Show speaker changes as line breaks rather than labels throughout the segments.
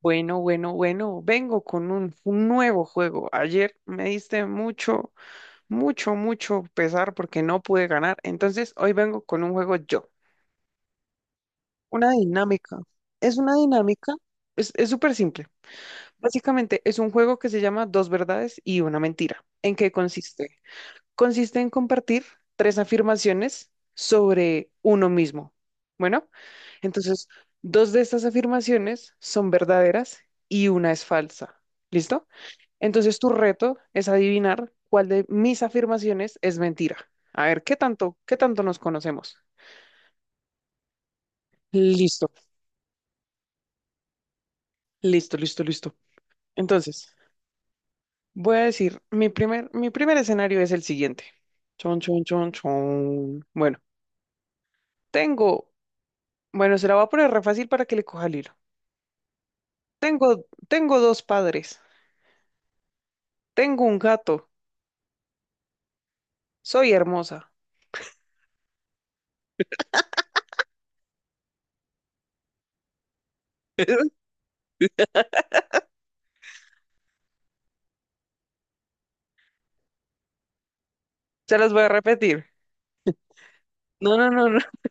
Bueno, bueno, bueno, vengo con un nuevo juego. Ayer me diste mucho, mucho, mucho pesar porque no pude ganar. Entonces hoy vengo con un juego yo. Una dinámica. Es una dinámica, es súper simple. Básicamente es un juego que se llama Dos verdades y una mentira. ¿En qué consiste? Consiste en compartir tres afirmaciones sobre uno mismo. Bueno, entonces dos de estas afirmaciones son verdaderas y una es falsa. ¿Listo? Entonces tu reto es adivinar cuál de mis afirmaciones es mentira. A ver, ¿qué tanto nos conocemos? Listo, listo, listo, listo. Entonces, voy a decir, mi primer escenario es el siguiente. Chon, chon, chon, chon. Bueno, tengo, bueno, se la voy a poner re fácil para que le coja el hilo. Tengo dos padres, tengo un gato, soy hermosa. Se las voy a repetir. No, no, no, no.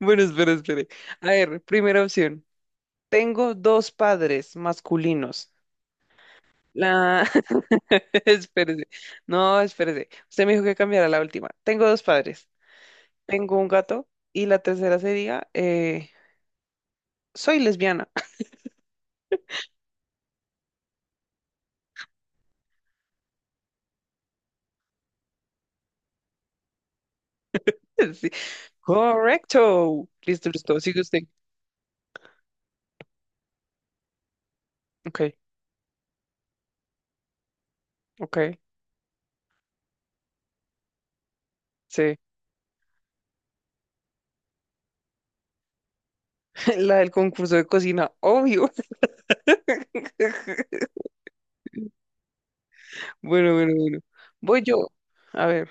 Bueno, espere, espere. A ver, primera opción. Tengo dos padres masculinos. La... Espérese. No, espérese. Usted me dijo que cambiara la última. Tengo dos padres. Tengo un gato. Y la tercera sería, soy lesbiana. Sí. Correcto. Listo, listo. Sigue usted. Ok, ok. Sí. La del concurso de cocina, obvio. Bueno, bueno, bueno. Voy yo. A ver,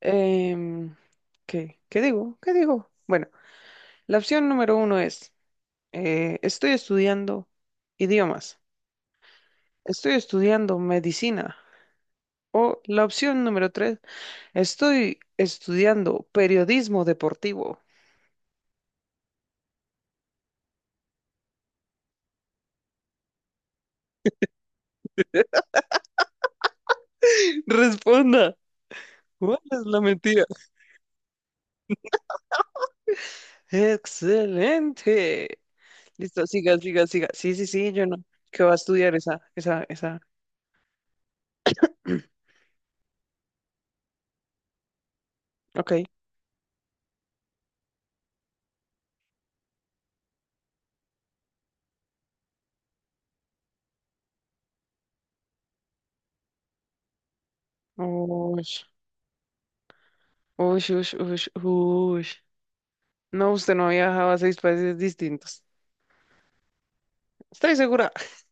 em, ¿qué? ¿Qué digo? ¿Qué digo? Bueno, la opción número uno es, estoy estudiando idiomas, estoy estudiando medicina. O la opción número tres, estoy estudiando periodismo deportivo. Responda, ¿cuál es la mentira? Excelente. Listo, siga, siga, siga. Sí, sí, sí, yo no. ¿Qué va a estudiar esa? Ok. Ush, ush, ush, ush, ush. No, usted no ha viajado a seis países distintos. Estoy segura.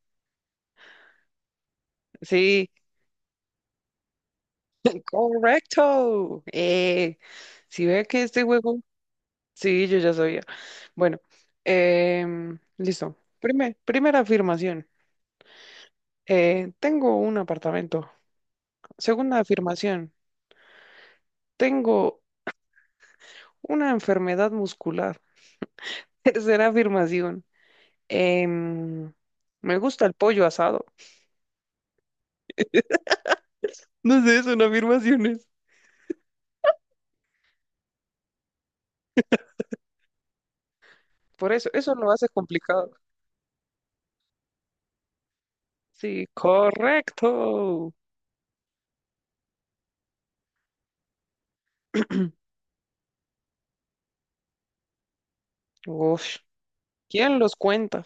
Sí, correcto. Si ve que este juego, sí, yo ya sabía. Bueno, listo. Primera afirmación, tengo un apartamento. Segunda afirmación, tengo una enfermedad muscular. Tercera afirmación, em, me gusta el pollo asado. No sé, son afirmaciones. Por eso, eso lo hace complicado. Sí, correcto. Uf, ¿quién los cuenta?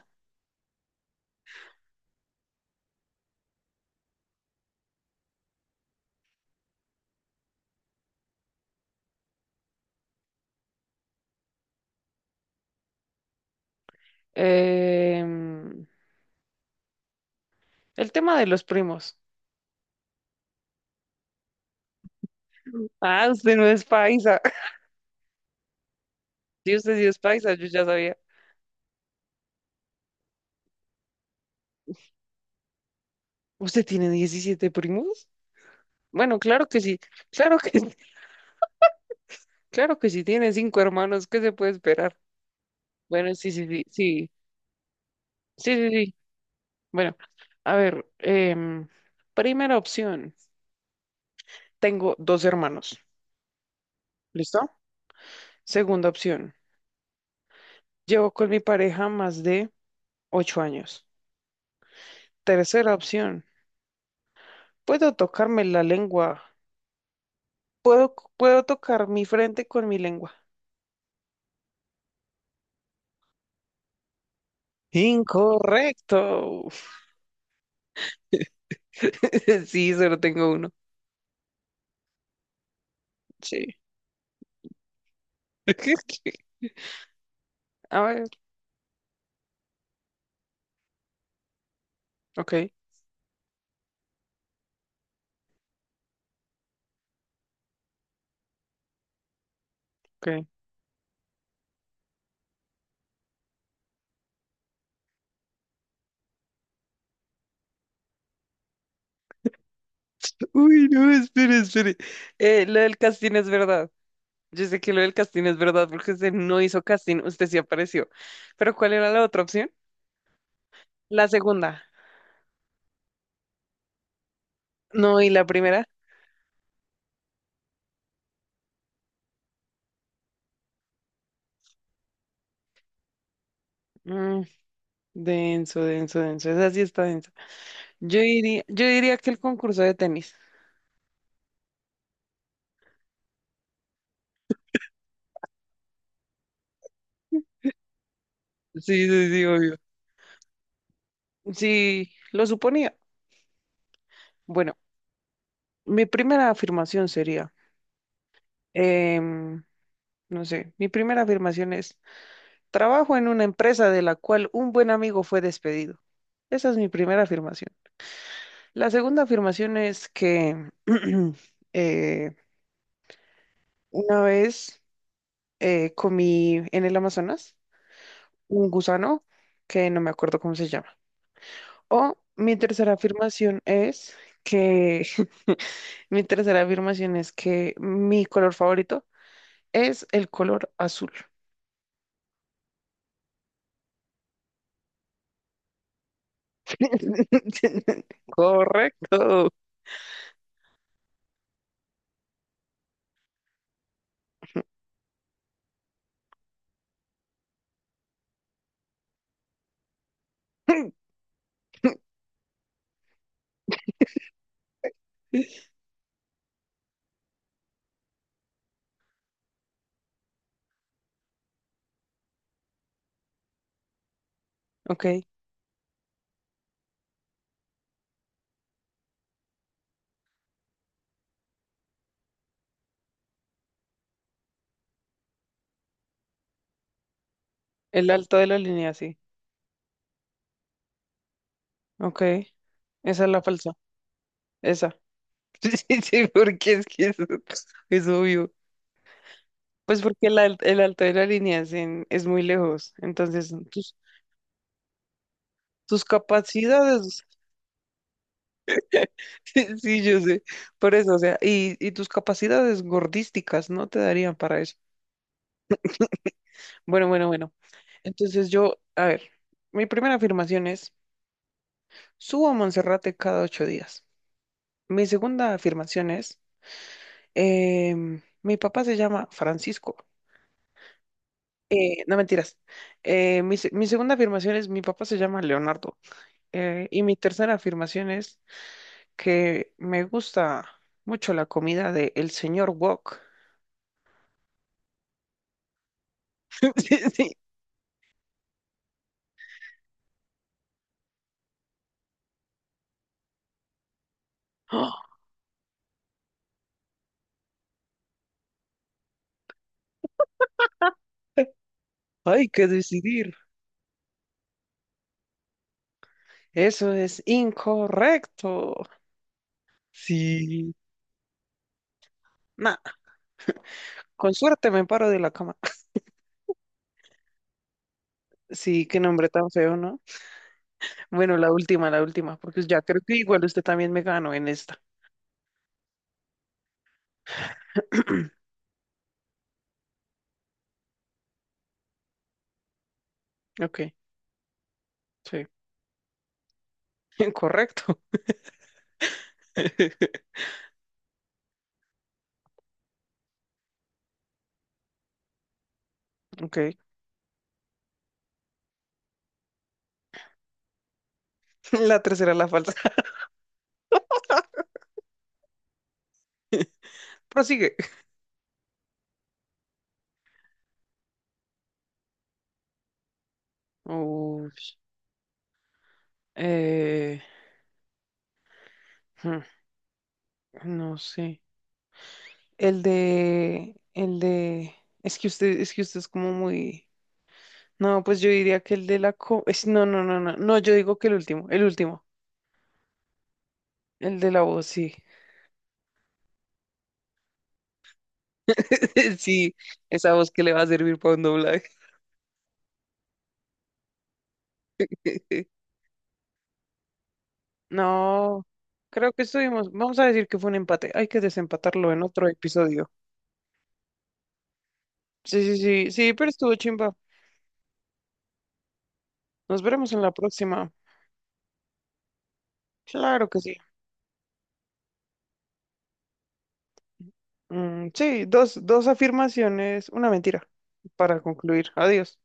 Em, el tema de los primos. Ah, usted no es paisa. Sí, usted sí es paisa, yo ya sabía. ¿Usted tiene 17 primos? Bueno, claro que sí. Claro que, claro que sí, tiene cinco hermanos. ¿Qué se puede esperar? Bueno, sí, sí, sí, sí. Sí, sí, sí. Bueno, a ver, primera opción. Tengo dos hermanos. ¿Listo? Segunda opción. Llevo con mi pareja más de 8 años. Tercera opción. Puedo tocarme la lengua puedo tocar mi frente con mi lengua. Incorrecto. Sí, solo tengo uno. Sí. A ver, ok, ok. Uy, no, espere, espere. Lo del casting es verdad. Yo sé que lo del casting es verdad porque usted no hizo casting, usted sí apareció. Pero ¿cuál era la otra opción? La segunda. No, y la primera. Mm, Denso, denso, denso. Esa sí está densa. Yo diría que el concurso de tenis. Sí, sí, sí, obvio. Sí, lo suponía. Bueno, mi primera afirmación sería, em, no sé, mi primera afirmación es, trabajo en una empresa de la cual un buen amigo fue despedido. Esa es mi primera afirmación. La segunda afirmación es que eh, una vez comí en el Amazonas un gusano que no me acuerdo cómo se llama. O mi tercera afirmación es que mi tercera afirmación es que mi color favorito es el color azul. Correcto. Ok. El alto de la línea, sí. Ok. Esa es la falsa. Esa. Sí, sí, porque es que eso es obvio. Pues porque el alto de la línea es muy lejos. Entonces, tus capacidades, sí, yo sé. Por eso, o sea, y tus capacidades gordísticas no te darían para eso. Bueno, bueno, bueno. Entonces yo, a ver, mi primera afirmación es: Subo a Monserrate cada 8 días. Mi segunda afirmación es, mi papá se llama Francisco. No mentiras. Mi segunda afirmación es, mi papá se llama Leonardo. Y mi tercera afirmación es que me gusta mucho la comida de el señor Wok. Sí, sí. ¡Ah! Hay que decidir. Eso es incorrecto. Sí. Nah, con suerte me paro de la cama. Sí, qué nombre tan feo, ¿no? Bueno, la última, porque ya creo que igual usted también me ganó en esta. Ok, sí, correcto. Ok, la tercera, la falsa. Prosigue. Uy, eh, hmm, no sé. El de, es que usted es como muy, no, pues yo diría que el de la, co- es, no, no, no, no, no, yo digo que el último, el último, el de la voz, sí, sí, esa voz que le va a servir para un doblaje. No, creo que estuvimos, vamos a decir que fue un empate, hay que desempatarlo en otro episodio. Sí, sí, sí, sí, pero estuvo chimba. Nos veremos en la próxima. Claro que sí. Sí, dos afirmaciones, una mentira para concluir. Adiós.